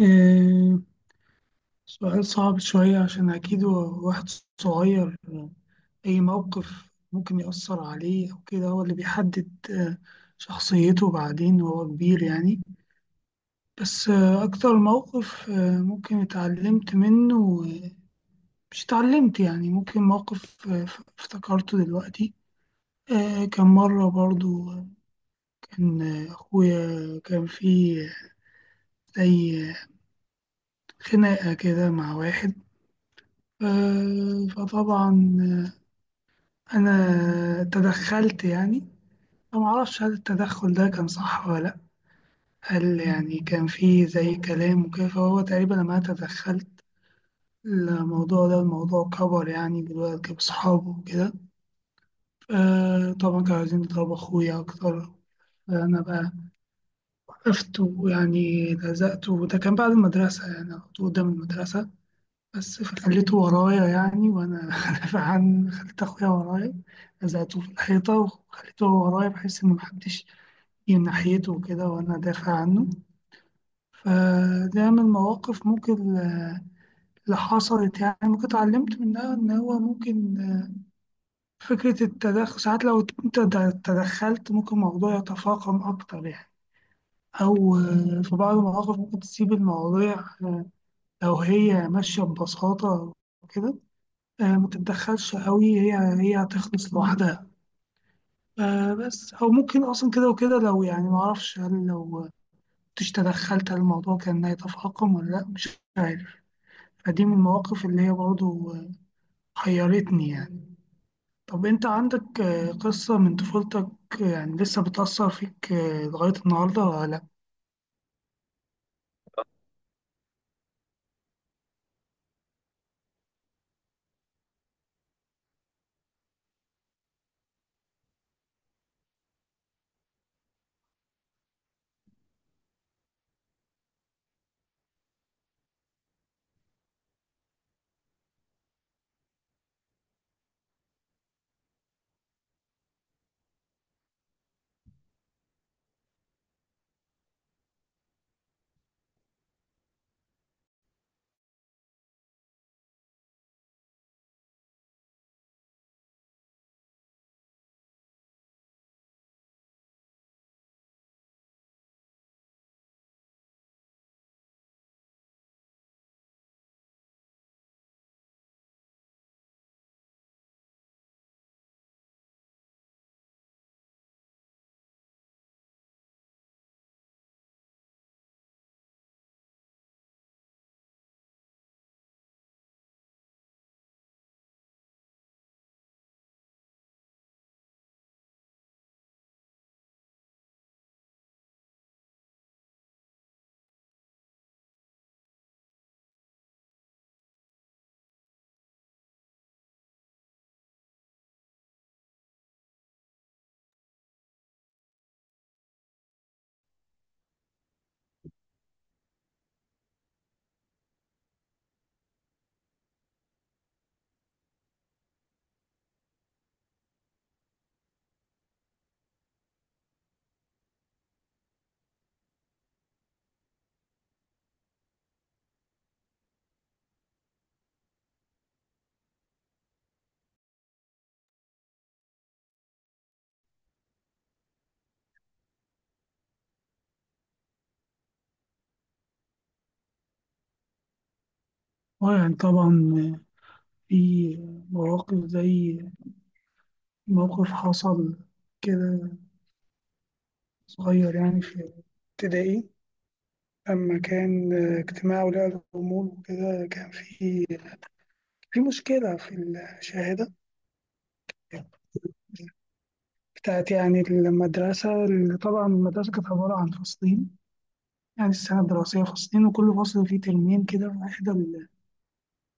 إيه، سؤال صعب شوية عشان أكيد هو واحد صغير. أي موقف ممكن يأثر عليه أو كده، هو اللي بيحدد شخصيته بعدين وهو كبير يعني. بس أكتر موقف ممكن اتعلمت منه، مش اتعلمت، يعني ممكن موقف افتكرته دلوقتي. كان مرة برضو كان أخويا كان في زي خناقة كده مع واحد. فطبعا أنا تدخلت يعني. فما أعرفش هل التدخل ده كان صح ولا لأ، هل يعني كان فيه زي كلام وكده، فهو تقريبا لما أنا تدخلت الموضوع ده، الموضوع كبر يعني دلوقتي بصحابه وكده. طبعا كانوا عايزين يضربوا أخويا أكتر، فأنا بقى وقفت، ويعني لزقته، وده كان بعد المدرسة يعني على طول قدام المدرسة بس، فخليته ورايا يعني، وأنا دافع عن خليت أخويا ورايا، لزقته في الحيطة وخليته هو ورايا بحيث إن محدش ناحيته كده وأنا دافع عنه. فده من المواقف ممكن اللي حصلت، يعني ممكن اتعلمت منها إن هو ممكن، فكرة التدخل ساعات لو أنت تدخلت ممكن الموضوع يتفاقم أكتر يعني. أو في بعض المواقف ممكن تسيب المواضيع آه، لو هي ماشية ببساطة وكده، ما تتدخلش قوي، هي هتخلص لوحدها بس. أو ممكن أصلا كده وكده، لو يعني ما أعرفش هل لو كنتش تدخلت هل الموضوع كان هيتفاقم ولا لأ، مش عارف. فدي من المواقف اللي هي برضه حيرتني يعني. طب أنت عندك قصة من طفولتك يعني لسه بتأثر فيك لغاية النهاردة ولا لأ؟ يعني طبعا، آه، في مواقف زي موقف حصل كده صغير يعني في ابتدائي. لما كان اجتماع ولاء الأمور وكده، كان في مشكلة في الشهادة بتاعت يعني المدرسة. اللي طبعا المدرسة كانت عبارة عن فصلين، يعني السنة الدراسية فصلين، وكل فصل فيه ترمين كده.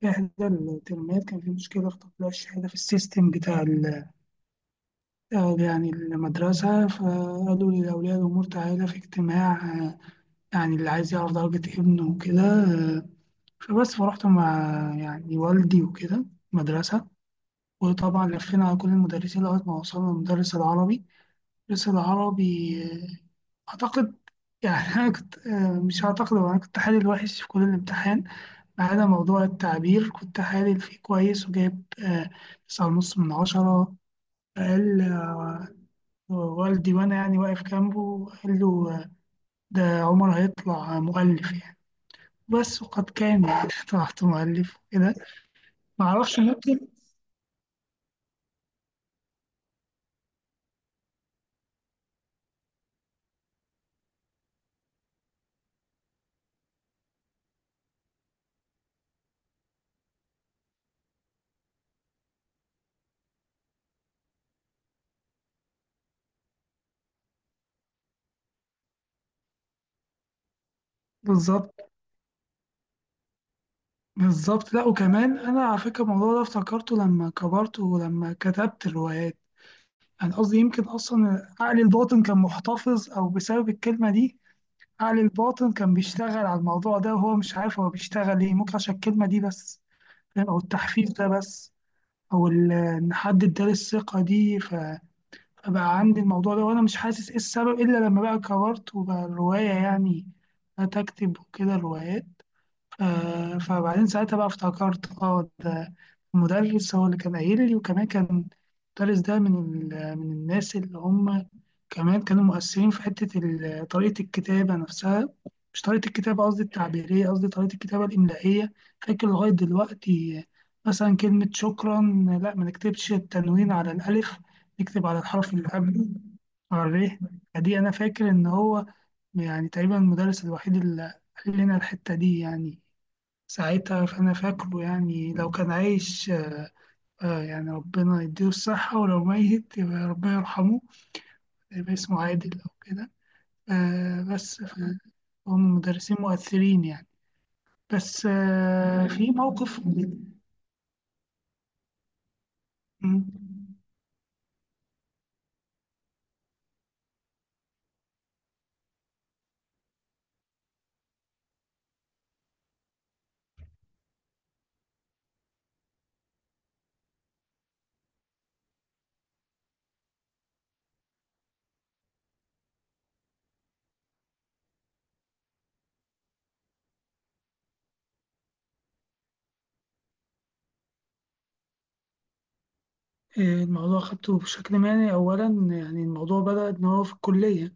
في إحدى الترمات كان في مشكلة في تطبيق الشهادة في السيستم بتاع يعني المدرسة. فقالوا لأولياء الأمور تعالى في اجتماع، يعني اللي عايز يعرف درجة ابنه وكده. فبس فرحت مع يعني والدي وكده مدرسة، وطبعا لفينا على كل المدرسين لغاية ما وصلنا لمدرس العربي. المدرس العربي أعتقد يعني، أنا كنت مش أعتقد، هو أنا كنت حالل وحش في كل الامتحان ما عدا موضوع التعبير، كنت حالل فيه كويس وجايب 9.5 من 10. فقال والدي وأنا يعني واقف جنبه، قال له ده عمر هيطلع مؤلف يعني. بس وقد كان يعني، طلعت مؤلف وكده. معرفش ممكن. بالظبط. بالظبط، لا. وكمان أنا على فكرة الموضوع ده افتكرته لما كبرت ولما كتبت الروايات. انا قصدي يمكن اصلا عقل الباطن كان محتفظ، او بسبب الكلمه دي عقل الباطن كان بيشتغل على الموضوع ده وهو مش عارف هو بيشتغل ايه، ممكن عشان الكلمه دي بس، فاهم؟ او التحفيز ده بس، او ان حد اداني الثقه دي، فبقى عندي الموضوع ده وانا مش حاسس ايه السبب، الا لما بقى كبرت وبقى الروايه يعني بدأت اكتب وكده روايات. فبعدين ساعتها بقى افتكرت، اه ده المدرس هو اللي كان قايل لي. وكمان كان المدرس ده من من الناس اللي هم كمان كانوا مؤثرين في حتة طريقة الكتابة نفسها. مش طريقة الكتابة، قصدي التعبيرية، قصدي طريقة الكتابة الإملائية. فاكر لغاية دلوقتي، مثلا كلمة شكرا، لا ما نكتبش التنوين على الألف، نكتب على الحرف اللي قبله، على الر. فدي أنا فاكر إن هو يعني تقريبا المدرس الوحيد اللي قال لنا الحتة دي يعني ساعتها، فأنا فاكره يعني، لو كان عايش يعني ربنا يديله الصحة، ولو ميت يبقى ربنا يرحمه، يبقى اسمه عادل أو كده. آه بس ف- هم مدرسين مؤثرين يعني. بس في موقف م- الموضوع خدته بشكل مهني أولا. يعني الموضوع بدأ إن هو في الكلية،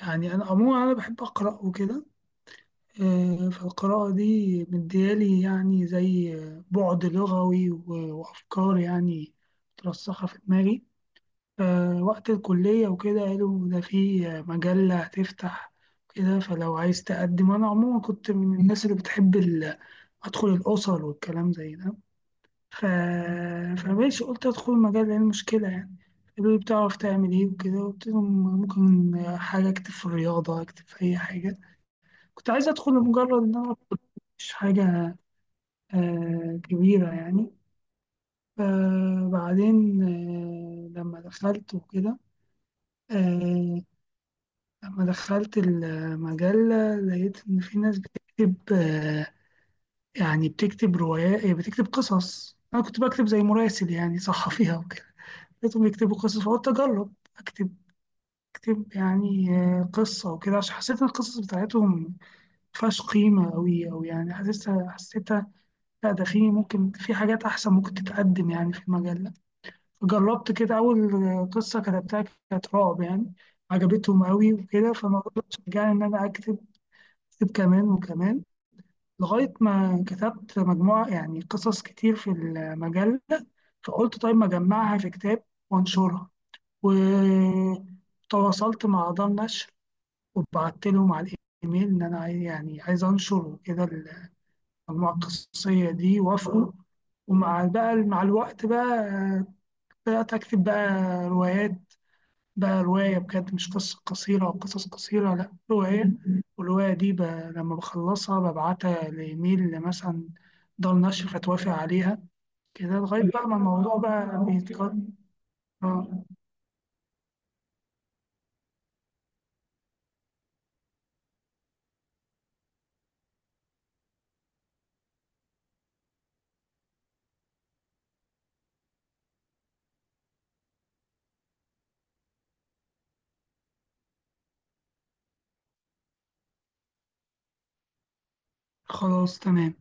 يعني أنا عموما أنا بحب أقرأ وكده. فالقراءة دي مديالي يعني زي بعد لغوي، وأفكار يعني مترسخة في دماغي. وقت الكلية وكده قالوا ده في مجلة هتفتح كده، فلو عايز تقدم. أنا عموما كنت من الناس اللي بتحب أدخل الأسر والكلام زي ده. ف... فماشي قلت أدخل المجلة، إيه المشكلة يعني. قالوا لي بتعرف تعمل إيه وكده، قلت لهم ممكن حاجة أكتب في الرياضة، أكتب في أي حاجة، كنت عايز أدخل لمجرد إن أنا أدخل، مش حاجة كبيرة يعني. فبعدين لما دخلت وكده، آه، لما دخلت المجلة لقيت إن في ناس بتكتب، يعني بتكتب روايات، بتكتب قصص. أنا كنت بكتب زي مراسل يعني صحفيها وكده. لقيتهم يكتبوا قصص فقلت أجرب أكتب، يعني قصة وكده، عشان حسيت إن القصص بتاعتهم مفيهاش قيمة أوي، أو يعني حسيتها لا، ده في ممكن في حاجات أحسن ممكن تتقدم يعني في المجلة. جربت كده، أول قصة كتبتها كانت رعب يعني، عجبتهم أوي وكده. فالموضوع ده شجعني إن أنا أكتب، كتب كمان وكمان، لغاية ما كتبت مجموعة يعني قصص كتير في المجلة. فقلت طيب ما أجمعها في كتاب وأنشرها. وتواصلت مع دار نشر وبعت لهم على الإيميل إن أنا عايز يعني عايز أنشر وكده المجموعة القصصية دي. وافقوا، ومع بقى مع الوقت بقى بدأت أكتب بقى روايات. ده رواية بجد، مش قصة قصيرة أو قصص قصيرة، لأ رواية. والرواية دي لما بخلصها ببعتها لإيميل مثلا دار نشر فتوافق عليها كده، لغاية بقى ما الموضوع بقى بيتكرر. آه، خلاص تمام.